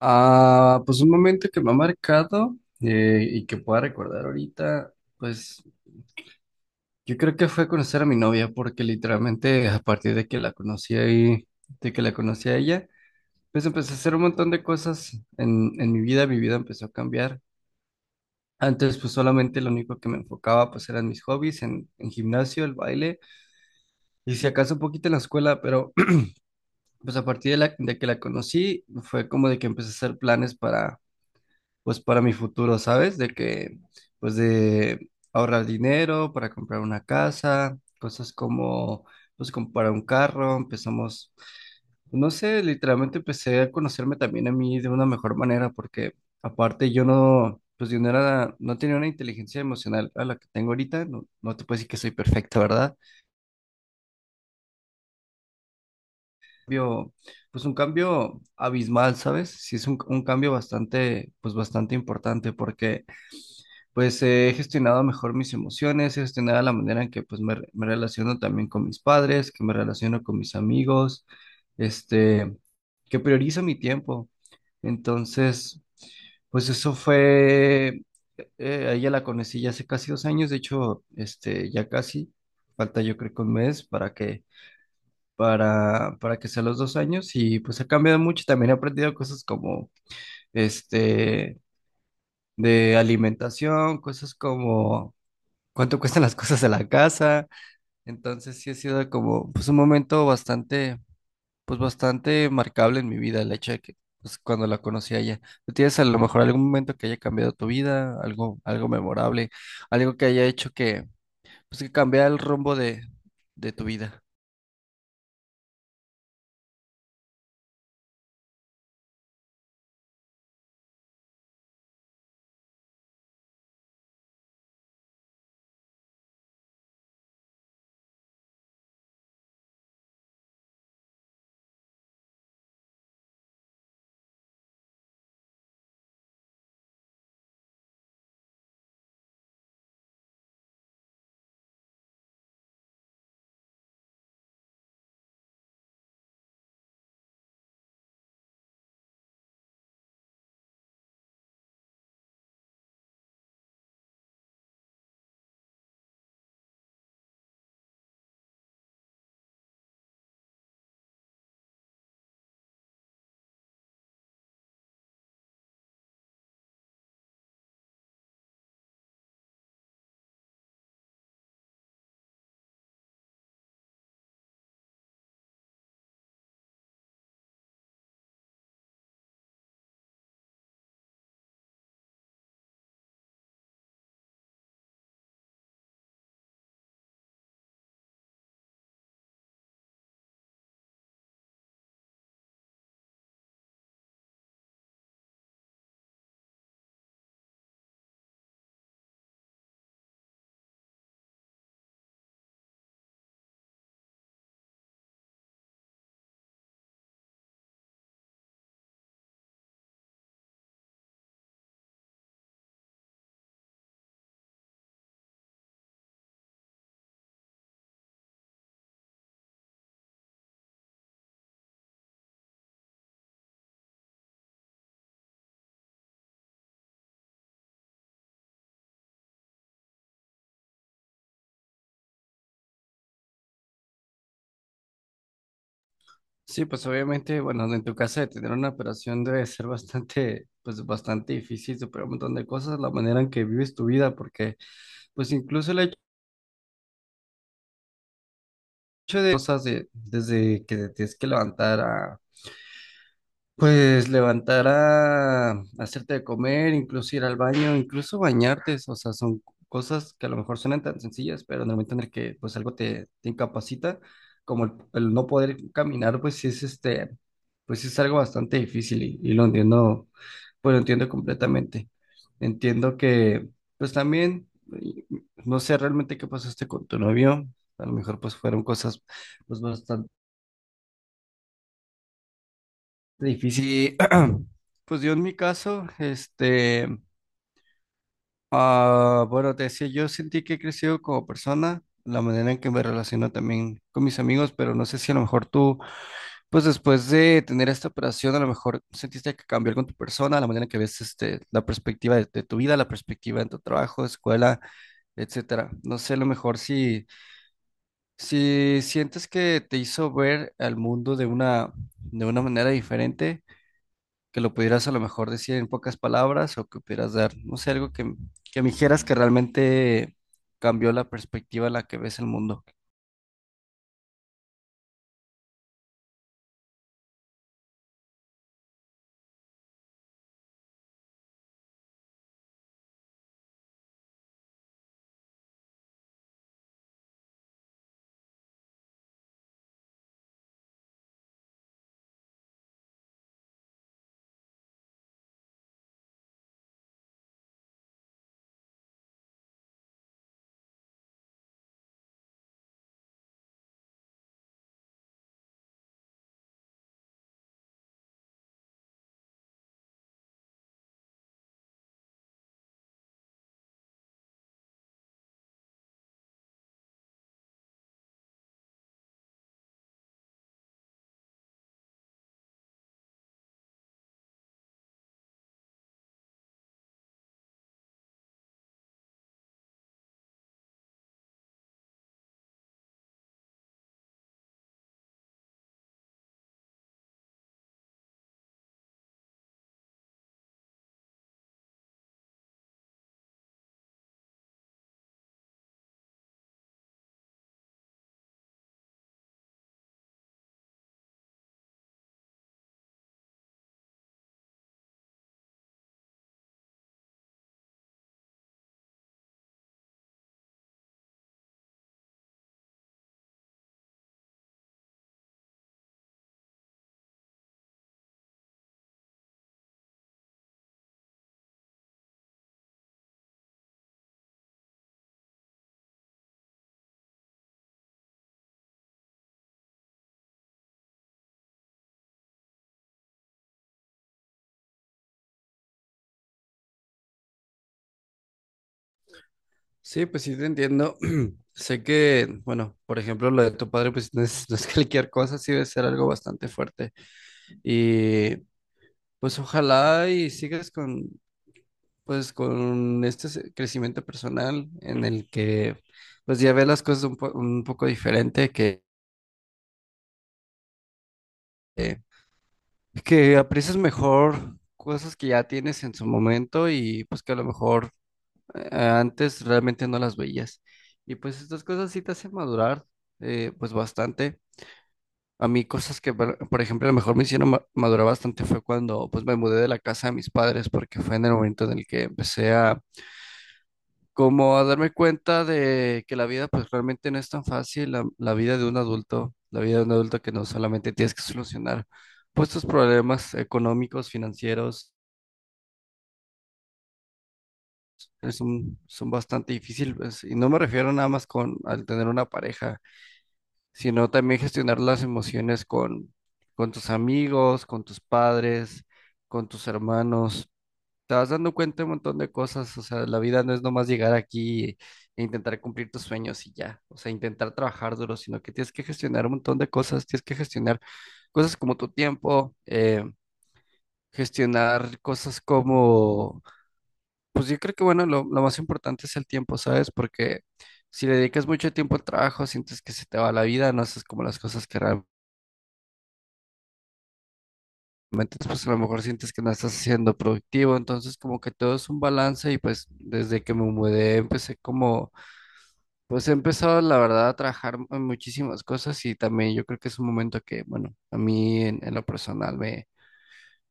Ah, pues un momento que me ha marcado y que pueda recordar ahorita, pues yo creo que fue conocer a mi novia, porque literalmente a partir de que la conocí ahí, de que la conocí a ella, pues empecé a hacer un montón de cosas en mi vida empezó a cambiar. Antes pues solamente lo único que me enfocaba pues eran mis hobbies, en gimnasio, el baile y si acaso un poquito en la escuela, pero pues a partir de que la conocí fue como de que empecé a hacer planes para pues para mi futuro, ¿sabes? Pues de ahorrar dinero para comprar una casa, cosas como, pues comprar un carro, empezamos, no sé, literalmente empecé a conocerme también a mí de una mejor manera, porque aparte yo no, pues yo no era, no tenía una inteligencia emocional a la que tengo ahorita, no te puedo decir que soy perfecta, ¿verdad? Cambio, pues un cambio abismal, ¿sabes? Sí es un cambio bastante, pues bastante importante, porque pues he gestionado mejor mis emociones, he gestionado la manera en que pues me relaciono también con mis padres, que me relaciono con mis amigos, este, que priorizo mi tiempo. Entonces, pues eso fue, a ella la conocí ya hace casi 2 años, de hecho, ya casi, falta yo creo que 1 mes para que, para que sea los 2 años y pues ha cambiado mucho, también he aprendido cosas como, este, de alimentación, cosas como cuánto cuestan las cosas de la casa. Entonces sí ha sido como pues un momento bastante, pues bastante marcable en mi vida, el hecho de que pues cuando la conocí a ella. ¿Tú tienes a lo mejor algún momento que haya cambiado tu vida, algo, algo memorable, algo que haya hecho que, pues que cambiara el rumbo de tu vida? Sí, pues obviamente, bueno, en tu casa de tener una operación debe ser bastante, pues bastante difícil superar un montón de cosas, la manera en que vives tu vida, porque pues incluso el hecho de cosas desde que te tienes que levantar a, pues levantar a hacerte de comer, incluso ir al baño, incluso bañarte, o sea, son cosas que a lo mejor suenan tan sencillas, pero en el momento en el que pues algo te incapacita, como el no poder caminar, pues sí es pues sí es algo bastante difícil y lo entiendo, pues lo entiendo completamente. Entiendo que pues también, y- no sé realmente qué pasaste con tu novio, a lo mejor pues fueron cosas pues bastante difícil. Pues yo en mi caso, ah, bueno, te decía, yo sentí que he crecido como persona, la manera en que me relaciono también con mis amigos, pero no sé si a lo mejor tú, pues después de tener esta operación, a lo mejor sentiste que cambió algo en tu persona, la manera en que ves, la perspectiva de tu vida, la perspectiva en tu trabajo, escuela, etcétera. No sé, a lo mejor si sientes que te hizo ver al mundo de una manera diferente que lo pudieras a lo mejor decir en pocas palabras o que pudieras dar, no sé, algo que me dijeras que realmente cambió la perspectiva en la que ves el mundo. Sí, pues sí te entiendo. Sé que, bueno, por ejemplo, lo de tu padre, pues no es cualquier cosa, sí debe ser algo bastante fuerte. Y pues ojalá y sigas con, pues, con este crecimiento personal en el que, pues ya ves las cosas un poco diferente, que, eh, es que aprecias mejor cosas que ya tienes en su momento y pues que a lo mejor antes realmente no las veías. Y pues estas cosas sí te hacen madurar pues bastante. A mí cosas que, por ejemplo, a lo mejor me hicieron madurar bastante fue cuando pues me mudé de la casa de mis padres porque fue en el momento en el que empecé a como a darme cuenta de que la vida pues realmente no es tan fácil, la vida de un adulto, la vida de un adulto que no solamente tienes que solucionar pues tus problemas económicos, financieros son bastante difíciles. Y no me refiero nada más con al tener una pareja, sino también gestionar las emociones con tus amigos, con tus padres, con tus hermanos. Te vas dando cuenta de un montón de cosas. O sea, la vida no es nomás llegar aquí e intentar cumplir tus sueños y ya. O sea, intentar trabajar duro, sino que tienes que gestionar un montón de cosas. Tienes que gestionar cosas como tu tiempo, gestionar cosas como pues yo creo que, bueno, lo más importante es el tiempo, ¿sabes? Porque si le dedicas mucho tiempo al trabajo, sientes que se te va la vida, no haces como las cosas que realmente, pues a lo mejor sientes que no estás siendo productivo, entonces como que todo es un balance y pues desde que me mudé empecé como, pues he empezado la verdad a trabajar en muchísimas cosas y también yo creo que es un momento que, bueno, a mí en lo personal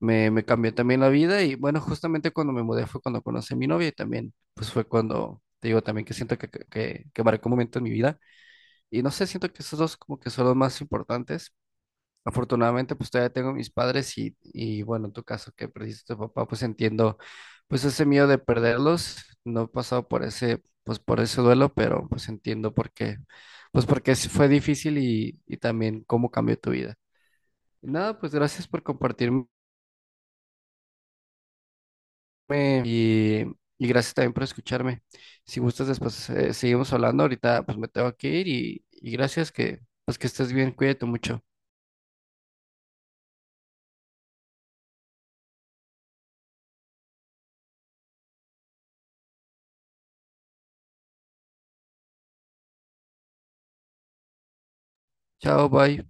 me cambió también la vida y bueno, justamente cuando me mudé fue cuando conocí a mi novia y también pues fue cuando, te digo, también que siento que marcó un momento en mi vida y no sé, siento que esos dos como que son los más importantes. Afortunadamente pues todavía tengo a mis padres y bueno, en tu caso que perdiste a tu papá pues entiendo pues ese miedo de perderlos, no he pasado por ese, pues por ese duelo, pero pues entiendo por qué, pues porque sí fue difícil y también cómo cambió tu vida. Y nada, pues gracias por me- Y, y gracias también por escucharme. Si gustas, después seguimos hablando. Ahorita pues me tengo que ir y gracias que pues que estés bien. Cuídate mucho. Chao, bye.